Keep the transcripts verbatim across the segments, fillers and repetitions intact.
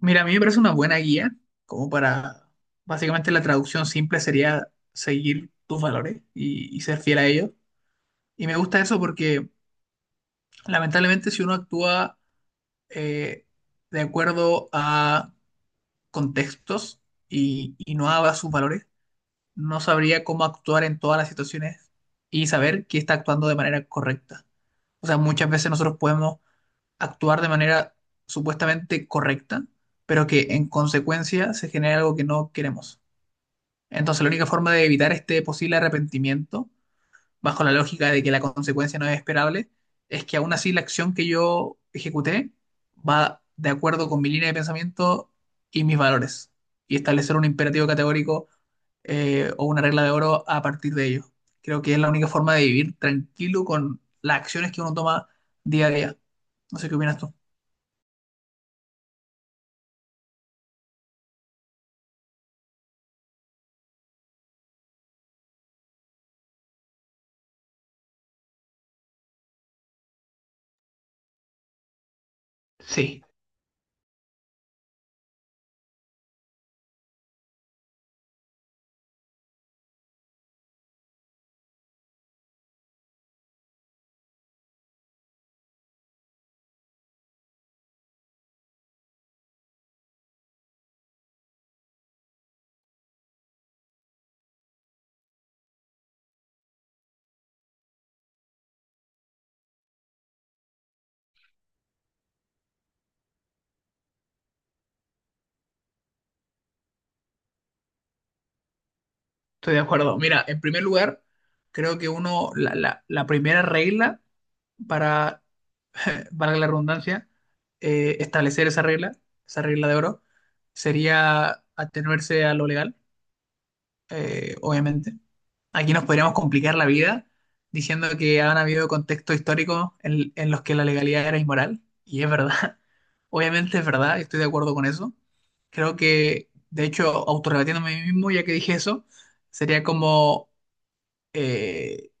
Mira, a mí me parece una buena guía, como para, básicamente la traducción simple sería seguir tus valores y, y ser fiel a ellos. Y me gusta eso porque lamentablemente si uno actúa eh, de acuerdo a contextos y, y no a sus valores, no sabría cómo actuar en todas las situaciones y saber que está actuando de manera correcta. O sea, muchas veces nosotros podemos actuar de manera supuestamente correcta, pero que en consecuencia se genera algo que no queremos. Entonces, la única forma de evitar este posible arrepentimiento, bajo la lógica de que la consecuencia no es esperable, es que aún así la acción que yo ejecuté va de acuerdo con mi línea de pensamiento y mis valores, y establecer un imperativo categórico eh, o una regla de oro a partir de ello. Creo que es la única forma de vivir tranquilo con las acciones que uno toma día a día. No sé qué opinas tú. Sí. Estoy de acuerdo. Mira, en primer lugar, creo que uno, la, la- la primera regla para, valga la redundancia, eh, establecer esa regla, esa regla de oro, sería atenerse a lo legal eh, obviamente. Aquí nos podríamos complicar la vida diciendo que han habido contextos históricos en, en los que la legalidad era inmoral, y es verdad. Obviamente es verdad, estoy de acuerdo con eso. Creo que, de hecho, autorrebatiéndome a mí mismo, ya que dije eso, sería como eh,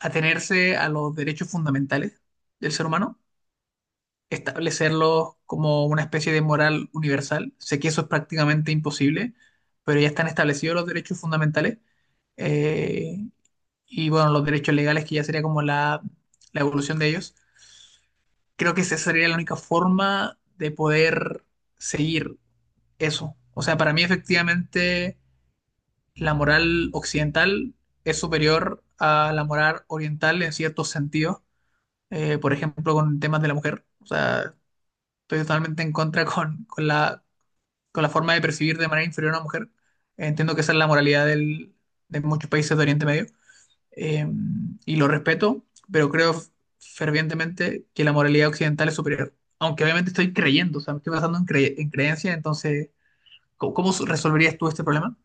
atenerse a los derechos fundamentales del ser humano, establecerlos como una especie de moral universal. Sé que eso es prácticamente imposible, pero ya están establecidos los derechos fundamentales eh, y bueno, los derechos legales, que ya sería como la, la evolución de ellos. Creo que esa sería la única forma de poder seguir eso. O sea, para mí efectivamente la moral occidental es superior a la moral oriental en ciertos sentidos, eh, por ejemplo, con temas de la mujer. O sea, estoy totalmente en contra con, con la, con la forma de percibir de manera inferior a una mujer. Entiendo que esa es la moralidad del- de muchos países de Oriente Medio eh, y lo respeto, pero creo fervientemente que la moralidad occidental es superior. Aunque obviamente estoy creyendo, o sea, me estoy basando en, cre- en creencia, entonces, ¿cómo, cómo resolverías tú este problema?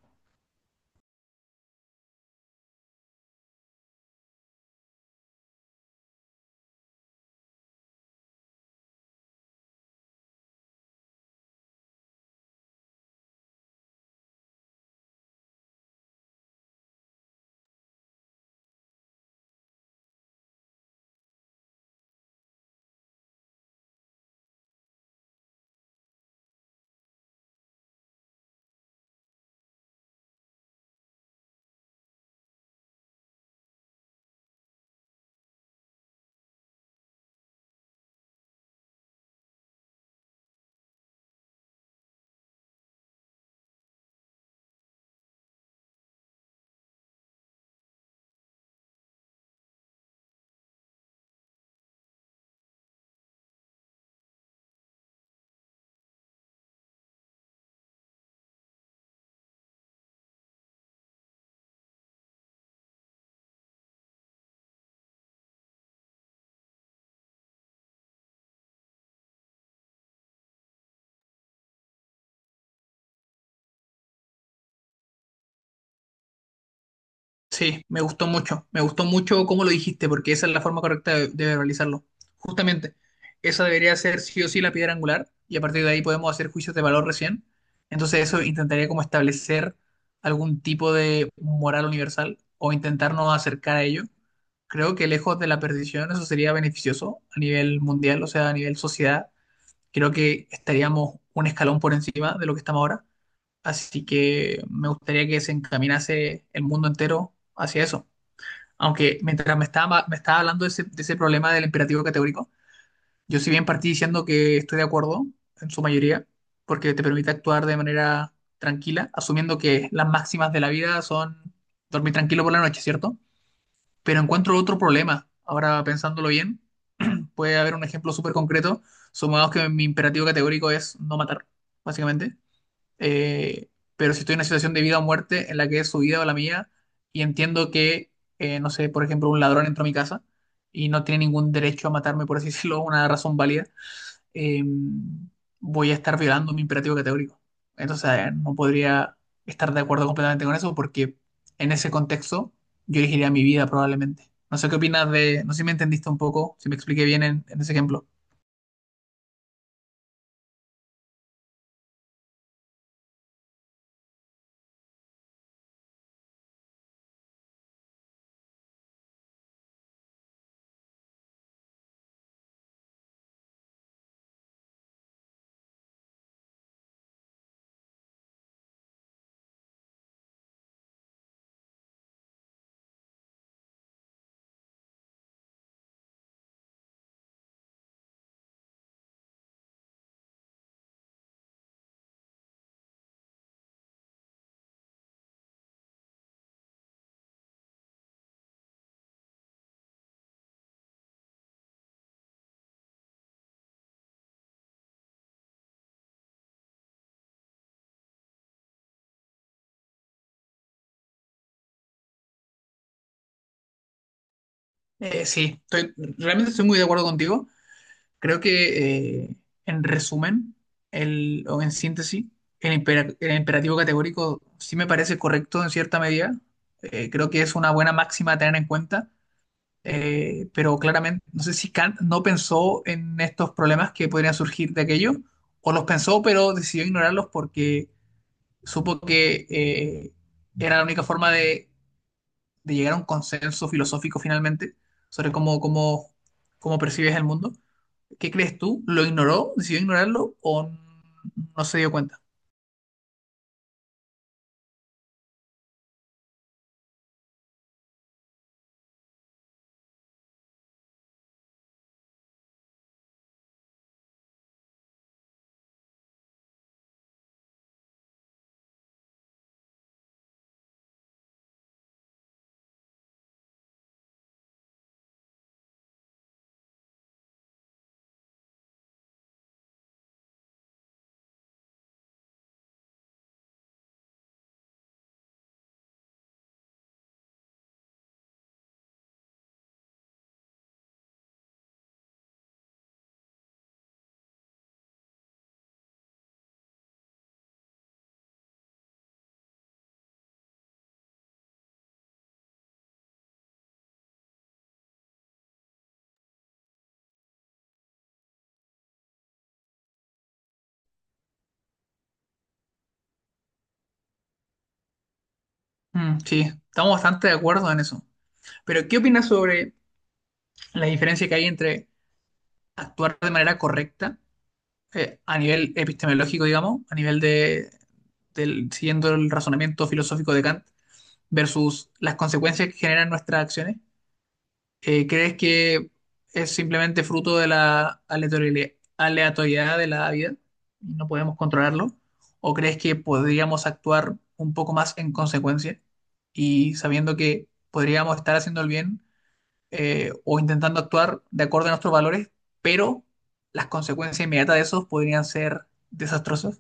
Sí, me gustó mucho, me gustó mucho cómo lo dijiste, porque esa es la forma correcta de, de realizarlo. Justamente, esa debería ser sí o sí la piedra angular, y a partir de ahí podemos hacer juicios de valor recién. Entonces eso intentaría como establecer algún tipo de moral universal o intentarnos acercar a ello. Creo que lejos de la perdición eso sería beneficioso a nivel mundial, o sea, a nivel sociedad, creo que estaríamos un escalón por encima de lo que estamos ahora. Así que me gustaría que se encaminase el mundo entero hacia eso. Aunque mientras me estaba, me estaba hablando de ese, de ese problema del imperativo categórico, yo si bien partí diciendo que estoy de acuerdo en su mayoría, porque te permite actuar de manera tranquila, asumiendo que las máximas de la vida son dormir tranquilo por la noche, ¿cierto? Pero encuentro otro problema, ahora pensándolo bien, puede haber un ejemplo súper concreto. Supongamos que mi imperativo categórico es no matar, básicamente. Eh, pero si estoy en una situación de vida o muerte en la que es su vida o la mía y entiendo que, eh, no sé, por ejemplo, un ladrón entró a mi casa y no tiene ningún derecho a matarme, por así decirlo, una razón válida, eh, voy a estar violando mi imperativo categórico. Entonces, eh, no podría estar de acuerdo completamente con eso porque en ese contexto yo elegiría mi vida probablemente. No sé qué opinas de, no sé si me entendiste un poco, si me expliqué bien en, en ese ejemplo. Eh, sí, estoy, realmente estoy muy de acuerdo contigo. Creo que eh, en resumen, el, o en síntesis, el, impera- el imperativo categórico sí me parece correcto en cierta medida. Eh, creo que es una buena máxima a tener en cuenta eh, pero claramente no sé si Kant no pensó en estos problemas que podrían surgir de aquello, o los pensó, pero decidió ignorarlos porque supo que eh, era la única forma de, de llegar a un consenso filosófico finalmente sobre cómo, cómo, cómo percibes el mundo. ¿Qué crees tú? ¿Lo ignoró? ¿Decidió ignorarlo o n- no se dio cuenta? Mm, sí, estamos bastante de acuerdo en eso. Pero, ¿qué opinas sobre la diferencia que hay entre actuar de manera correcta eh, a nivel epistemológico, digamos, a nivel de, del- siguiendo el razonamiento filosófico de Kant versus las consecuencias que generan nuestras acciones, eh, ¿crees que es simplemente fruto de la aleatoriali- aleatoriedad de la vida y no podemos controlarlo? ¿O crees que podríamos actuar un poco más en consecuencia y sabiendo que podríamos estar haciendo el bien eh, o intentando actuar de acuerdo a nuestros valores, pero las consecuencias inmediatas de esos podrían ser desastrosas?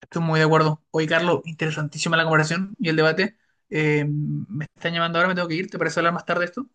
Estoy muy de acuerdo. Oye, Carlos, interesantísima la conversación y el debate. Eh, me están llamando ahora, me tengo que ir. ¿Te parece hablar más tarde de esto?